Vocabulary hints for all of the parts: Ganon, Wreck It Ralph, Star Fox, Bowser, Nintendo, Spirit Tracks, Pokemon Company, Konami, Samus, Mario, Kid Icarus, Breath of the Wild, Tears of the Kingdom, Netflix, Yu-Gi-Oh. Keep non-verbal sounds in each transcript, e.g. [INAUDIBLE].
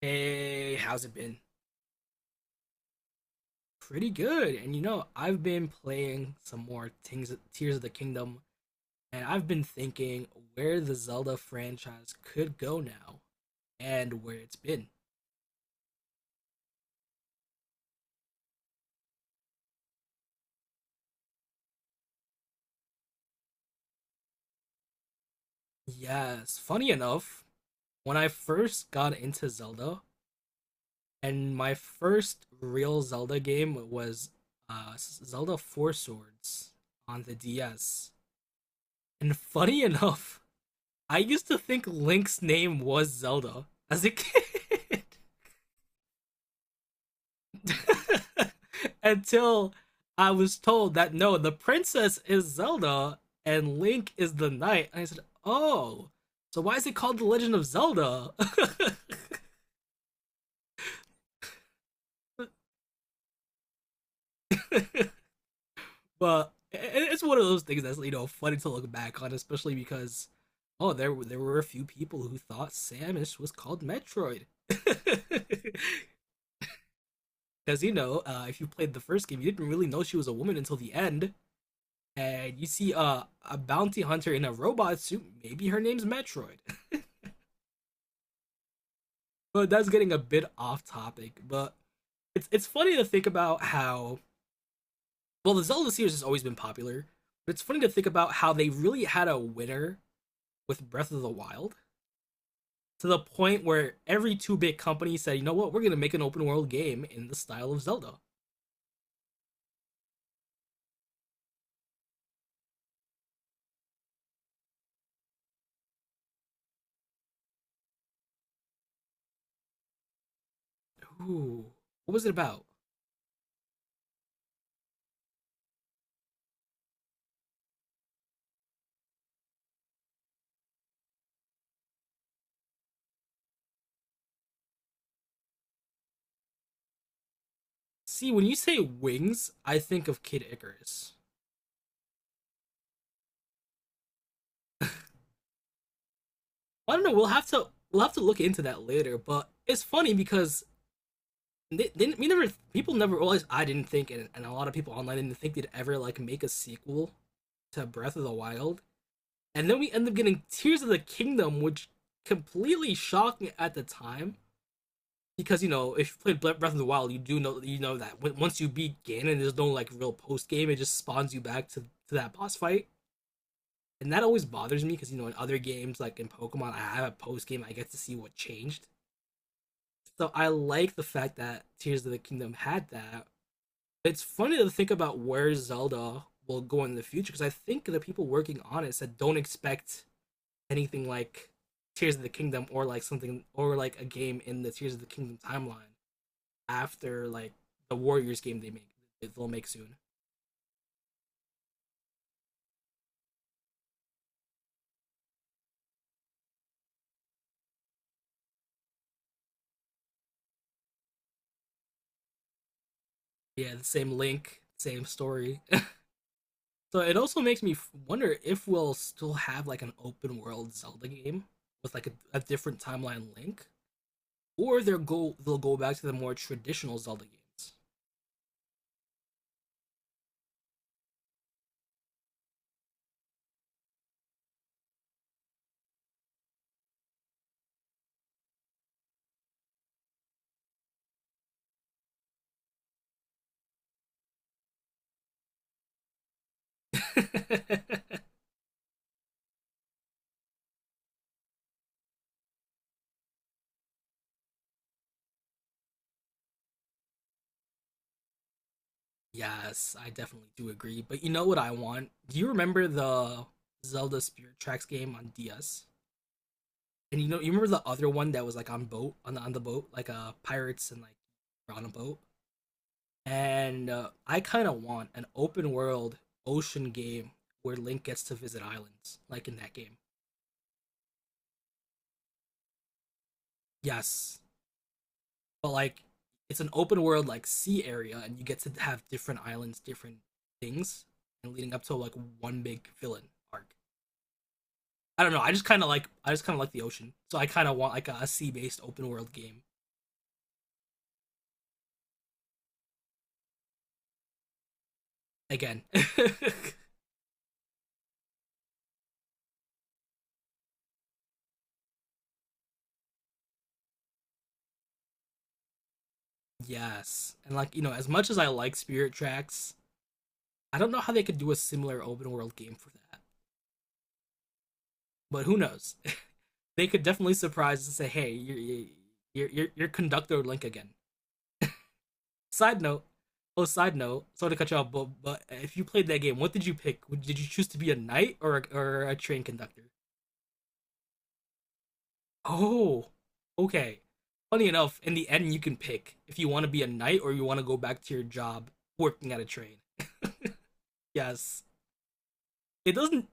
Hey, how's it been? Pretty good. And you know, I've been playing some more things, Tears of the Kingdom, and I've been thinking where the Zelda franchise could go now and where it's been. Yes, funny enough, when I first got into Zelda, and my first real Zelda game was Zelda Four Swords on the DS. And funny [LAUGHS] enough, I used to think Link's name was Zelda as a kid. [LAUGHS] [LAUGHS] Until I was told that no, the princess is Zelda and Link is the knight. And I said, oh, so why is it called The Legend of Zelda? [LAUGHS] But it's one of those things that's funny to look back on, especially because oh, there were a few people who thought Samus was called Metroid. Because [LAUGHS] you know, if you played the first game, you didn't really know she was a woman until the end. And you see a bounty hunter in a robot suit. Maybe her name's Metroid. [LAUGHS] But that's getting a bit off topic. But it's funny to think about how well the Zelda series has always been popular. But it's funny to think about how they really had a winner with Breath of the Wild, to the point where every two bit company said, you know what, we're gonna make an open world game in the style of Zelda. Ooh, what was it about? See, when you say wings, I think of Kid Icarus. I don't know. We'll have to look into that later. But it's funny because they, we never people never realized, I didn't think, and a lot of people online didn't think they'd ever like make a sequel to Breath of the Wild. And then we end up getting Tears of the Kingdom, which completely shocked me at the time because you know if you played Breath of the Wild, you do know, you know, that once you beat Ganon, there's no like real post game. It just spawns you back to that boss fight, and that always bothers me because you know in other games like in Pokemon, I have a post game. I get to see what changed. So I like the fact that Tears of the Kingdom had that. It's funny to think about where Zelda will go in the future because I think the people working on it said don't expect anything like Tears of the Kingdom or like something or like a game in the Tears of the Kingdom timeline after like the Warriors game they make, they'll make soon. Yeah, the same link, same story. [LAUGHS] So it also makes me wonder if we'll still have like an open world Zelda game with like a different timeline link, or they'll go back to the more traditional Zelda games. [LAUGHS] Yes, I definitely do agree. But you know what I want? Do you remember the Zelda Spirit Tracks game on DS? And you know you remember the other one that was like on boat on the boat like pirates and like on a boat. And I kind of want an open world ocean game where Link gets to visit islands like in that game. Yes, but like it's an open world like sea area, and you get to have different islands, different things, and leading up to like one big villain arc. I don't know. I just kind of like I just kind of like the ocean, so I kind of want like a sea based open world game again. [LAUGHS] Yes, and like you know, as much as I like Spirit Tracks, I don't know how they could do a similar open world game for that. But who knows? [LAUGHS] They could definitely surprise and say, "Hey, you're conductor Link again." Side note. Oh, side note. Sorry to cut you off, but if you played that game, what did you pick? Did you choose to be a knight or or a train conductor? Oh, okay. Funny enough, in the end, you can pick if you want to be a knight or you want to go back to your job working at a train. Yes, it doesn't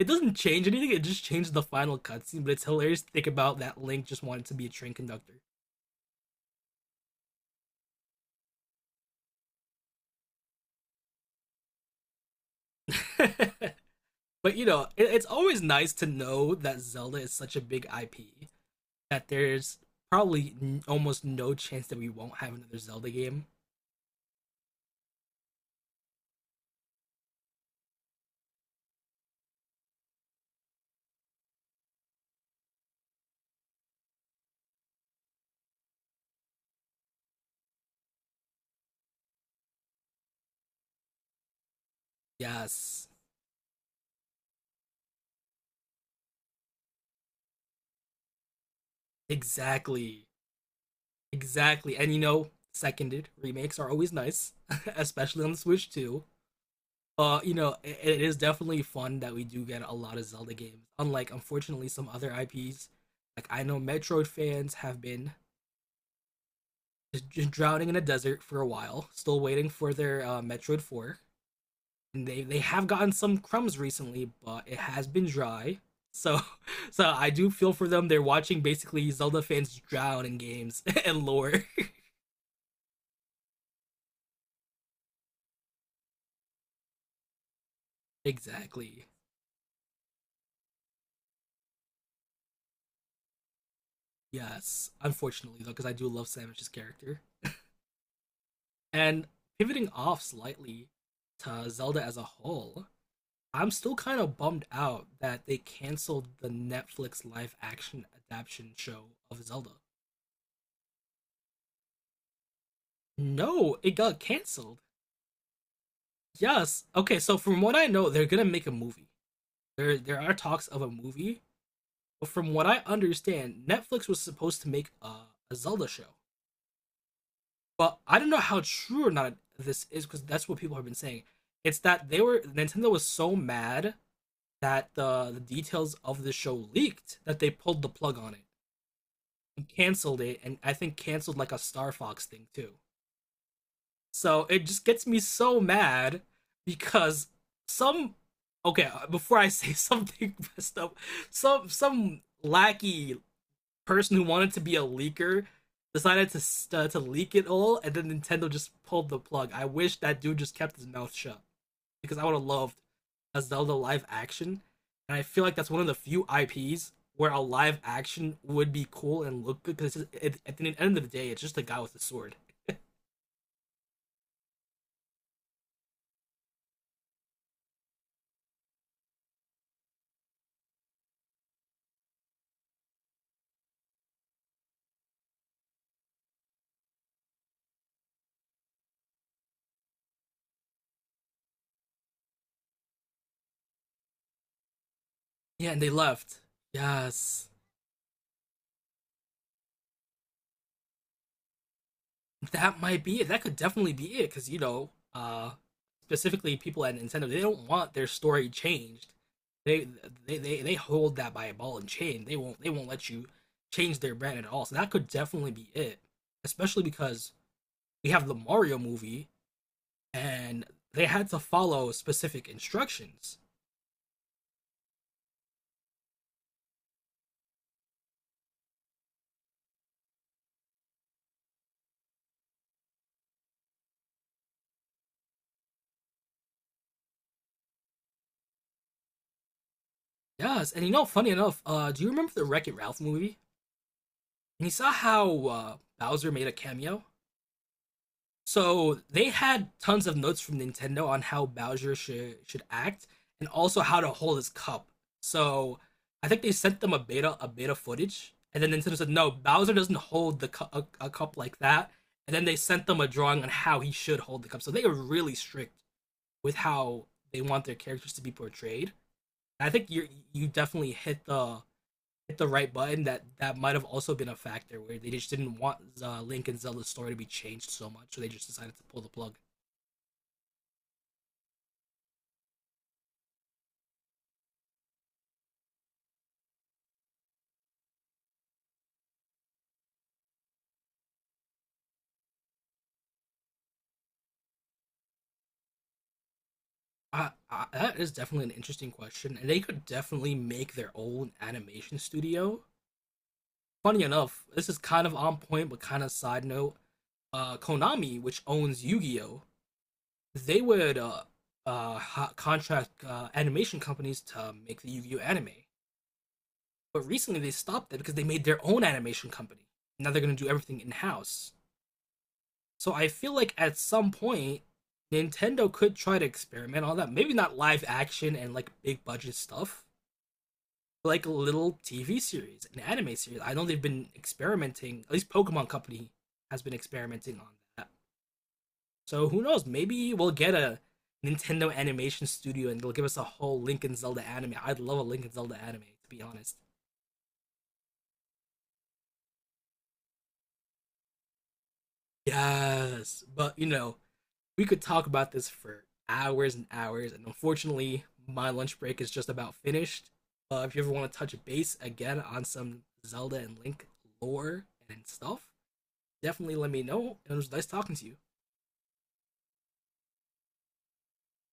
it doesn't change anything. It just changes the final cutscene, but it's hilarious to think about that Link just wanted to be a train conductor. [LAUGHS] But you know, it's always nice to know that Zelda is such a big IP that there's probably almost no chance that we won't have another Zelda game. Yes, exactly, exactly. And you know, seconded remakes are always nice, [LAUGHS] especially on the Switch too. You know, it is definitely fun that we do get a lot of Zelda games. Unlike, unfortunately, some other IPs. Like I know Metroid fans have been just drowning in a desert for a while, still waiting for their Metroid 4. And they have gotten some crumbs recently, but it has been dry. So [LAUGHS] so I do feel for them. They're watching basically Zelda fans drown in games [LAUGHS] and lore. Exactly. Yes. Unfortunately though, because I do love Samus's character. And pivoting off slightly to Zelda as a whole, I'm still kind of bummed out that they canceled the Netflix live action adaptation show of Zelda. No, it got canceled. Yes. Okay, so from what I know, they're gonna make a movie. There are talks of a movie, but from what I understand, Netflix was supposed to make a Zelda show. But I don't know how true or not this is because that's what people have been saying. It's that they were Nintendo was so mad that the details of the show leaked that they pulled the plug on it and canceled it, and I think canceled like a Star Fox thing too. So it just gets me so mad because some okay, before I [LAUGHS] say something messed up, some lackey person who wanted to be a leaker decided to leak it all, and then Nintendo just pulled the plug. I wish that dude just kept his mouth shut because I would have loved a Zelda live action, and I feel like that's one of the few IPs where a live action would be cool and look good because it, at the end of the day, it's just a guy with a sword. Yeah, and they left. Yes, that might be it. That could definitely be it because you know, specifically people at Nintendo, they don't want their story changed. They, they hold that by a ball and chain. They won't let you change their brand at all. So that could definitely be it, especially because we have the Mario movie and they had to follow specific instructions. Yes, and you know, funny enough, do you remember the Wreck It Ralph movie? And you saw how Bowser made a cameo. So they had tons of notes from Nintendo on how Bowser should act and also how to hold his cup. So I think they sent them a beta footage, and then Nintendo said no, Bowser doesn't hold the a cup like that. And then they sent them a drawing on how he should hold the cup. So they are really strict with how they want their characters to be portrayed. And I think you definitely hit the right button. That might have also been a factor where they just didn't want Link and Zelda's story to be changed so much, so they just decided to pull the plug. That is definitely an interesting question, and they could definitely make their own animation studio. Funny enough, this is kind of on point, but kind of side note. Konami, which owns Yu-Gi-Oh, they would uh, contract animation companies to make the Yu-Gi-Oh anime. But recently, they stopped that because they made their own animation company. Now they're going to do everything in-house. So I feel like at some point, Nintendo could try to experiment on that. Maybe not live action and like big budget stuff like a little TV series, an anime series. I know they've been experimenting. At least Pokemon Company has been experimenting on that. So who knows? Maybe we'll get a Nintendo Animation Studio and they'll give us a whole Link and Zelda anime. I'd love a Link and Zelda anime, to be honest. Yes, but you know we could talk about this for hours and hours, and unfortunately, my lunch break is just about finished. If you ever want to touch base again on some Zelda and Link lore and stuff, definitely let me know. It was nice talking to you.